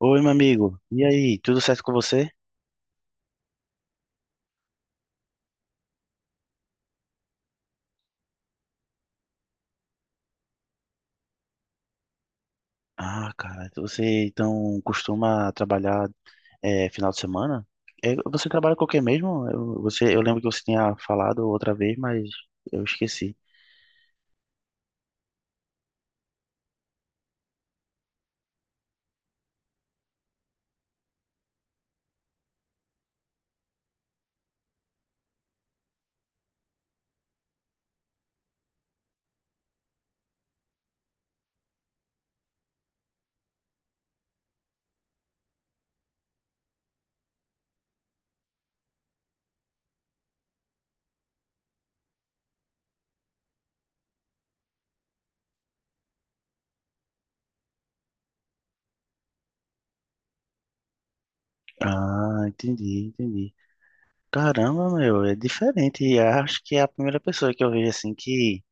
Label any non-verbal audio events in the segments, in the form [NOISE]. Oi, meu amigo. E aí, tudo certo com você? Ah, cara, você então costuma trabalhar final de semana? É, você trabalha com o quê mesmo? Eu, lembro que você tinha falado outra vez, mas eu esqueci. Ah, entendi, entendi. Caramba, meu, é diferente. E acho que é a primeira pessoa que eu vejo assim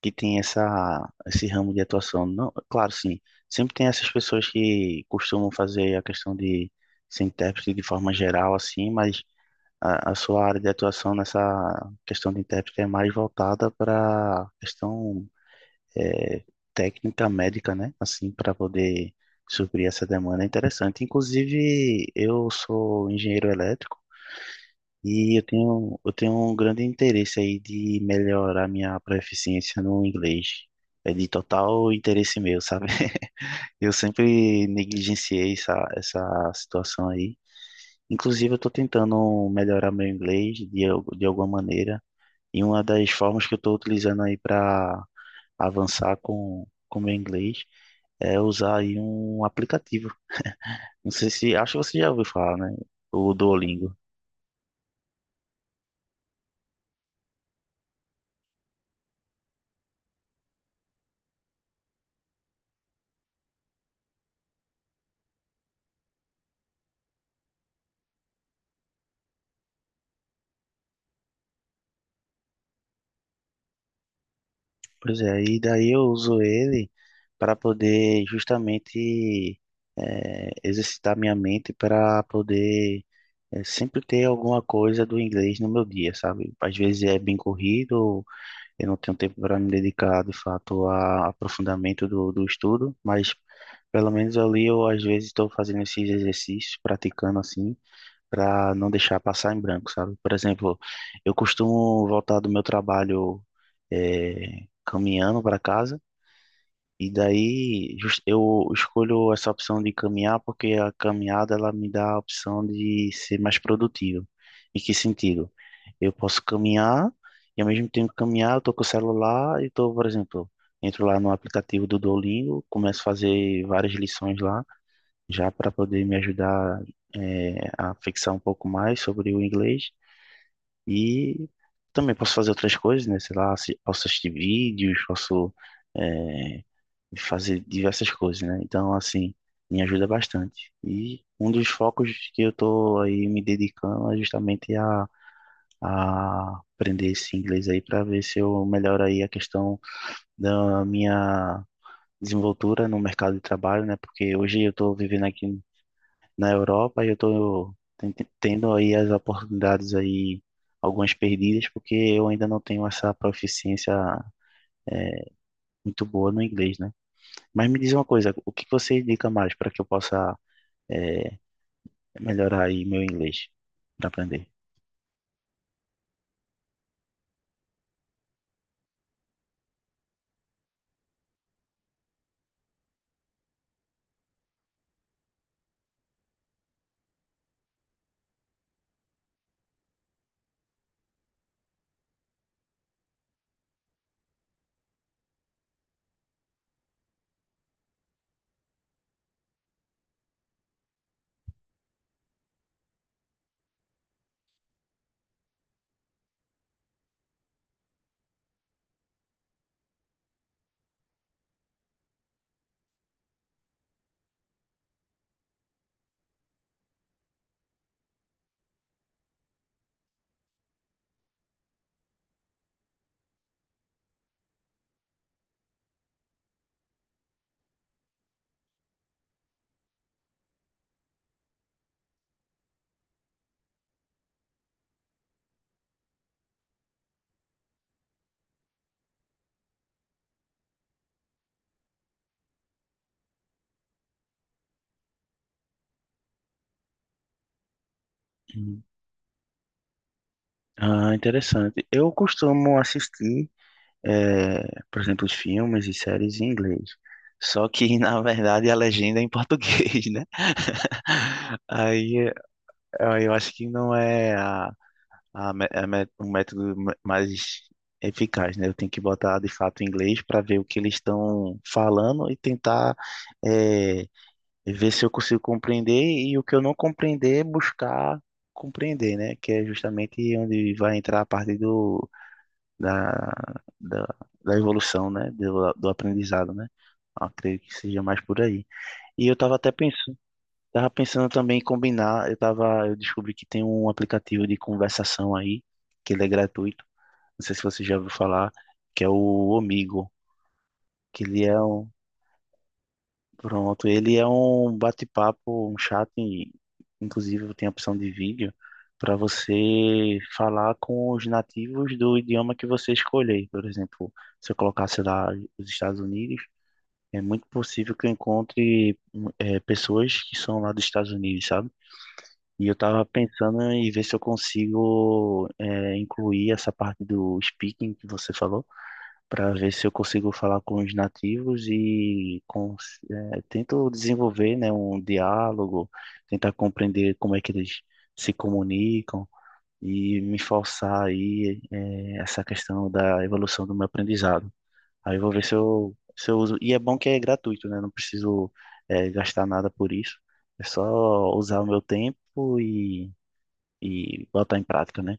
que tem esse ramo de atuação. Não, claro, sim. Sempre tem essas pessoas que costumam fazer a questão de ser intérprete de forma geral, assim, mas. A sua área de atuação nessa questão de intérprete é mais voltada para questão é, técnica médica, né? Assim, para poder suprir essa demanda é interessante. Inclusive, eu sou engenheiro elétrico e eu tenho um grande interesse aí de melhorar minha proficiência no inglês. É de total interesse meu, sabe? [LAUGHS] Eu sempre negligenciei essa situação aí. Inclusive, eu estou tentando melhorar meu inglês de, de alguma maneira. E uma das formas que eu estou utilizando aí para avançar com meu inglês é usar aí um aplicativo. Não sei se, acho que você já ouviu falar, né? O Duolingo. Pois é, e daí eu uso ele para poder justamente exercitar minha mente para poder sempre ter alguma coisa do inglês no meu dia, sabe? Às vezes é bem corrido. Eu não tenho tempo para me dedicar, de fato, a aprofundamento do estudo, mas pelo menos ali eu, às vezes, estou fazendo esses exercícios, praticando assim, para não deixar passar em branco, sabe? Por exemplo, eu costumo voltar do meu trabalho caminhando para casa. E daí eu escolho essa opção de caminhar porque a caminhada ela me dá a opção de ser mais produtivo. Em que sentido? Eu posso caminhar e ao mesmo tempo caminhar, eu tô com o celular e tô, por exemplo, entro lá no aplicativo do Duolingo, começo a fazer várias lições lá, já para poder me ajudar a fixar um pouco mais sobre o inglês. E também posso fazer outras coisas, né? Sei lá, posso assistir vídeos, é, de fazer diversas coisas, né? Então, assim, me ajuda bastante. E um dos focos que eu tô aí me dedicando é justamente a aprender esse inglês aí para ver se eu melhoro aí a questão da minha desenvoltura no mercado de trabalho, né? Porque hoje eu tô vivendo aqui na Europa e eu tô tendo aí as oportunidades aí, algumas perdidas, porque eu ainda não tenho essa proficiência muito boa no inglês, né? Mas me diz uma coisa, o que que você indica mais para que eu possa é, é melhorar aí meu inglês para aprender. Hum. Ah, interessante. Eu costumo assistir, é, por exemplo, os filmes e séries em inglês. Só que, [LAUGHS] na verdade, a legenda é em português, né? [LAUGHS] Aí, eu acho que não é o método mais eficaz, né? Eu tenho que botar de fato em inglês para ver o que eles estão falando e tentar é, e ver se eu consigo compreender e o que eu não compreender, buscar compreender, né? Que é justamente onde vai entrar a parte da, da, da evolução, né? Do aprendizado, né? Eu acredito que seja mais por aí. E eu tava até pensando, tava pensando também em combinar, eu descobri que tem um aplicativo de conversação aí, que ele é gratuito, não sei se você já ouviu falar, que é o Omigo, que ele é um Pronto, ele é um bate-papo, um chat, e, inclusive tem a opção de vídeo para você falar com os nativos do idioma que você escolher. Por exemplo, se eu colocasse lá os Estados Unidos, é muito possível que eu encontre pessoas que são lá dos Estados Unidos, sabe? E eu estava pensando em ver se eu consigo incluir essa parte do speaking que você falou para ver se eu consigo falar com os nativos e tento desenvolver, né, um diálogo, tentar compreender como é que eles se comunicam e me forçar aí essa questão da evolução do meu aprendizado. Aí eu vou ver se eu uso. E é bom que é gratuito, né? Não preciso gastar nada por isso. É só usar o meu tempo e botar em prática, né?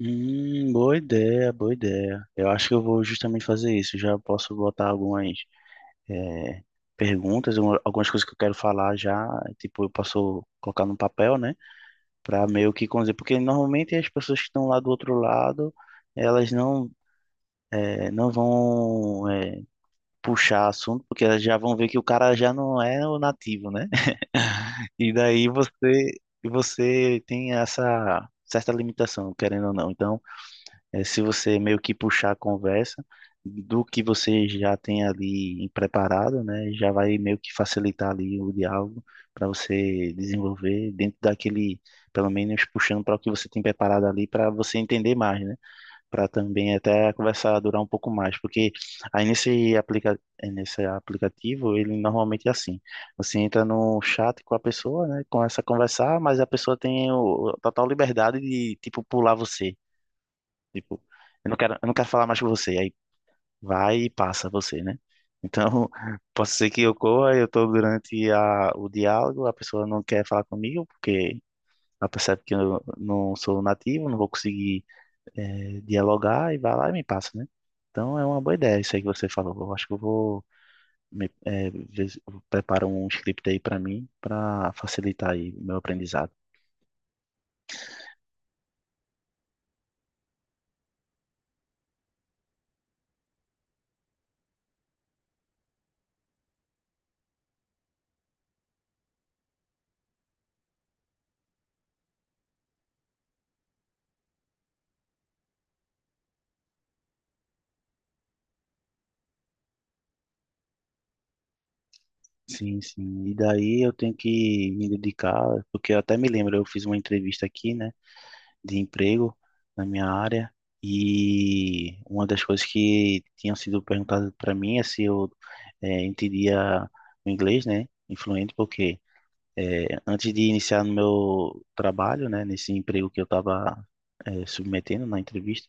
Boa ideia, boa ideia. Eu acho que eu vou justamente fazer isso. Já posso botar algumas eh, perguntas, algumas coisas que eu quero falar já. Tipo, eu posso colocar num papel, né? Pra meio que conduzir. Porque normalmente as pessoas que estão lá do outro lado, elas não, eh, não vão puxar assunto, porque elas já vão ver que o cara já não é o nativo, né? [LAUGHS] E daí você tem essa certa limitação, querendo ou não. Então se você meio que puxar a conversa do que você já tem ali preparado, né, já vai meio que facilitar ali o diálogo para você desenvolver dentro daquele, pelo menos puxando para o que você tem preparado ali para você entender mais, né, para também até a conversa durar um pouco mais, porque aí nesse aplicativo ele normalmente é assim, você entra no chat com a pessoa, né, começa a conversar, mas a pessoa tem o, total liberdade de tipo pular você. Tipo, eu não quero falar mais com você. Aí vai e passa você, né? Então, [LAUGHS] posso ser que ocorra, eu tô durante o diálogo, a pessoa não quer falar comigo, porque ela percebe que eu não sou nativo, não vou conseguir dialogar, e vai lá e me passa, né? Então, é uma boa ideia isso aí que você falou. Eu acho que eu vou ver se eu preparo um script aí para mim, para facilitar aí o meu aprendizado. Sim, sim. E daí eu tenho que me dedicar, porque eu até me lembro, eu fiz uma entrevista aqui, né? De emprego na minha área e uma das coisas que tinham sido perguntadas para mim é se eu entendia o inglês, né, influente, porque antes de iniciar no meu trabalho, né, nesse emprego que eu estava submetendo na entrevista,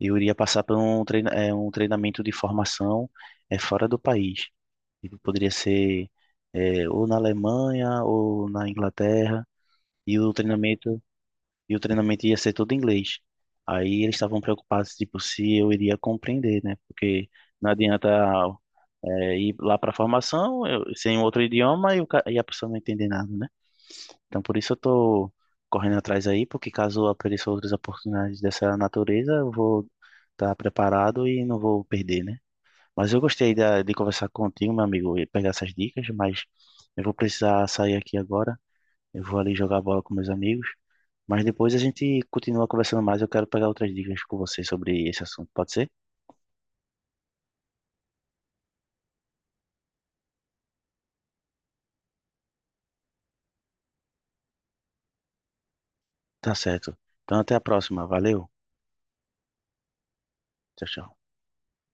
eu iria passar por um treinamento de formação fora do país. Ele poderia ser ou na Alemanha ou na Inglaterra. E o treinamento e o treinamento ia ser todo em inglês. Aí eles estavam preocupados, tipo, se eu iria compreender, né? Porque não adianta ir lá para a formação sem um outro idioma e, e a pessoa não entender nada, né? Então por isso eu tô correndo atrás aí, porque caso apareçam outras oportunidades dessa natureza, eu vou estar preparado e não vou perder, né? Mas eu gostei de conversar contigo, meu amigo, e pegar essas dicas, mas eu vou precisar sair aqui agora. Eu vou ali jogar bola com meus amigos. Mas depois a gente continua conversando mais. Eu quero pegar outras dicas com você sobre esse assunto. Pode ser? Tá certo. Então até a próxima. Valeu. Tchau, tchau.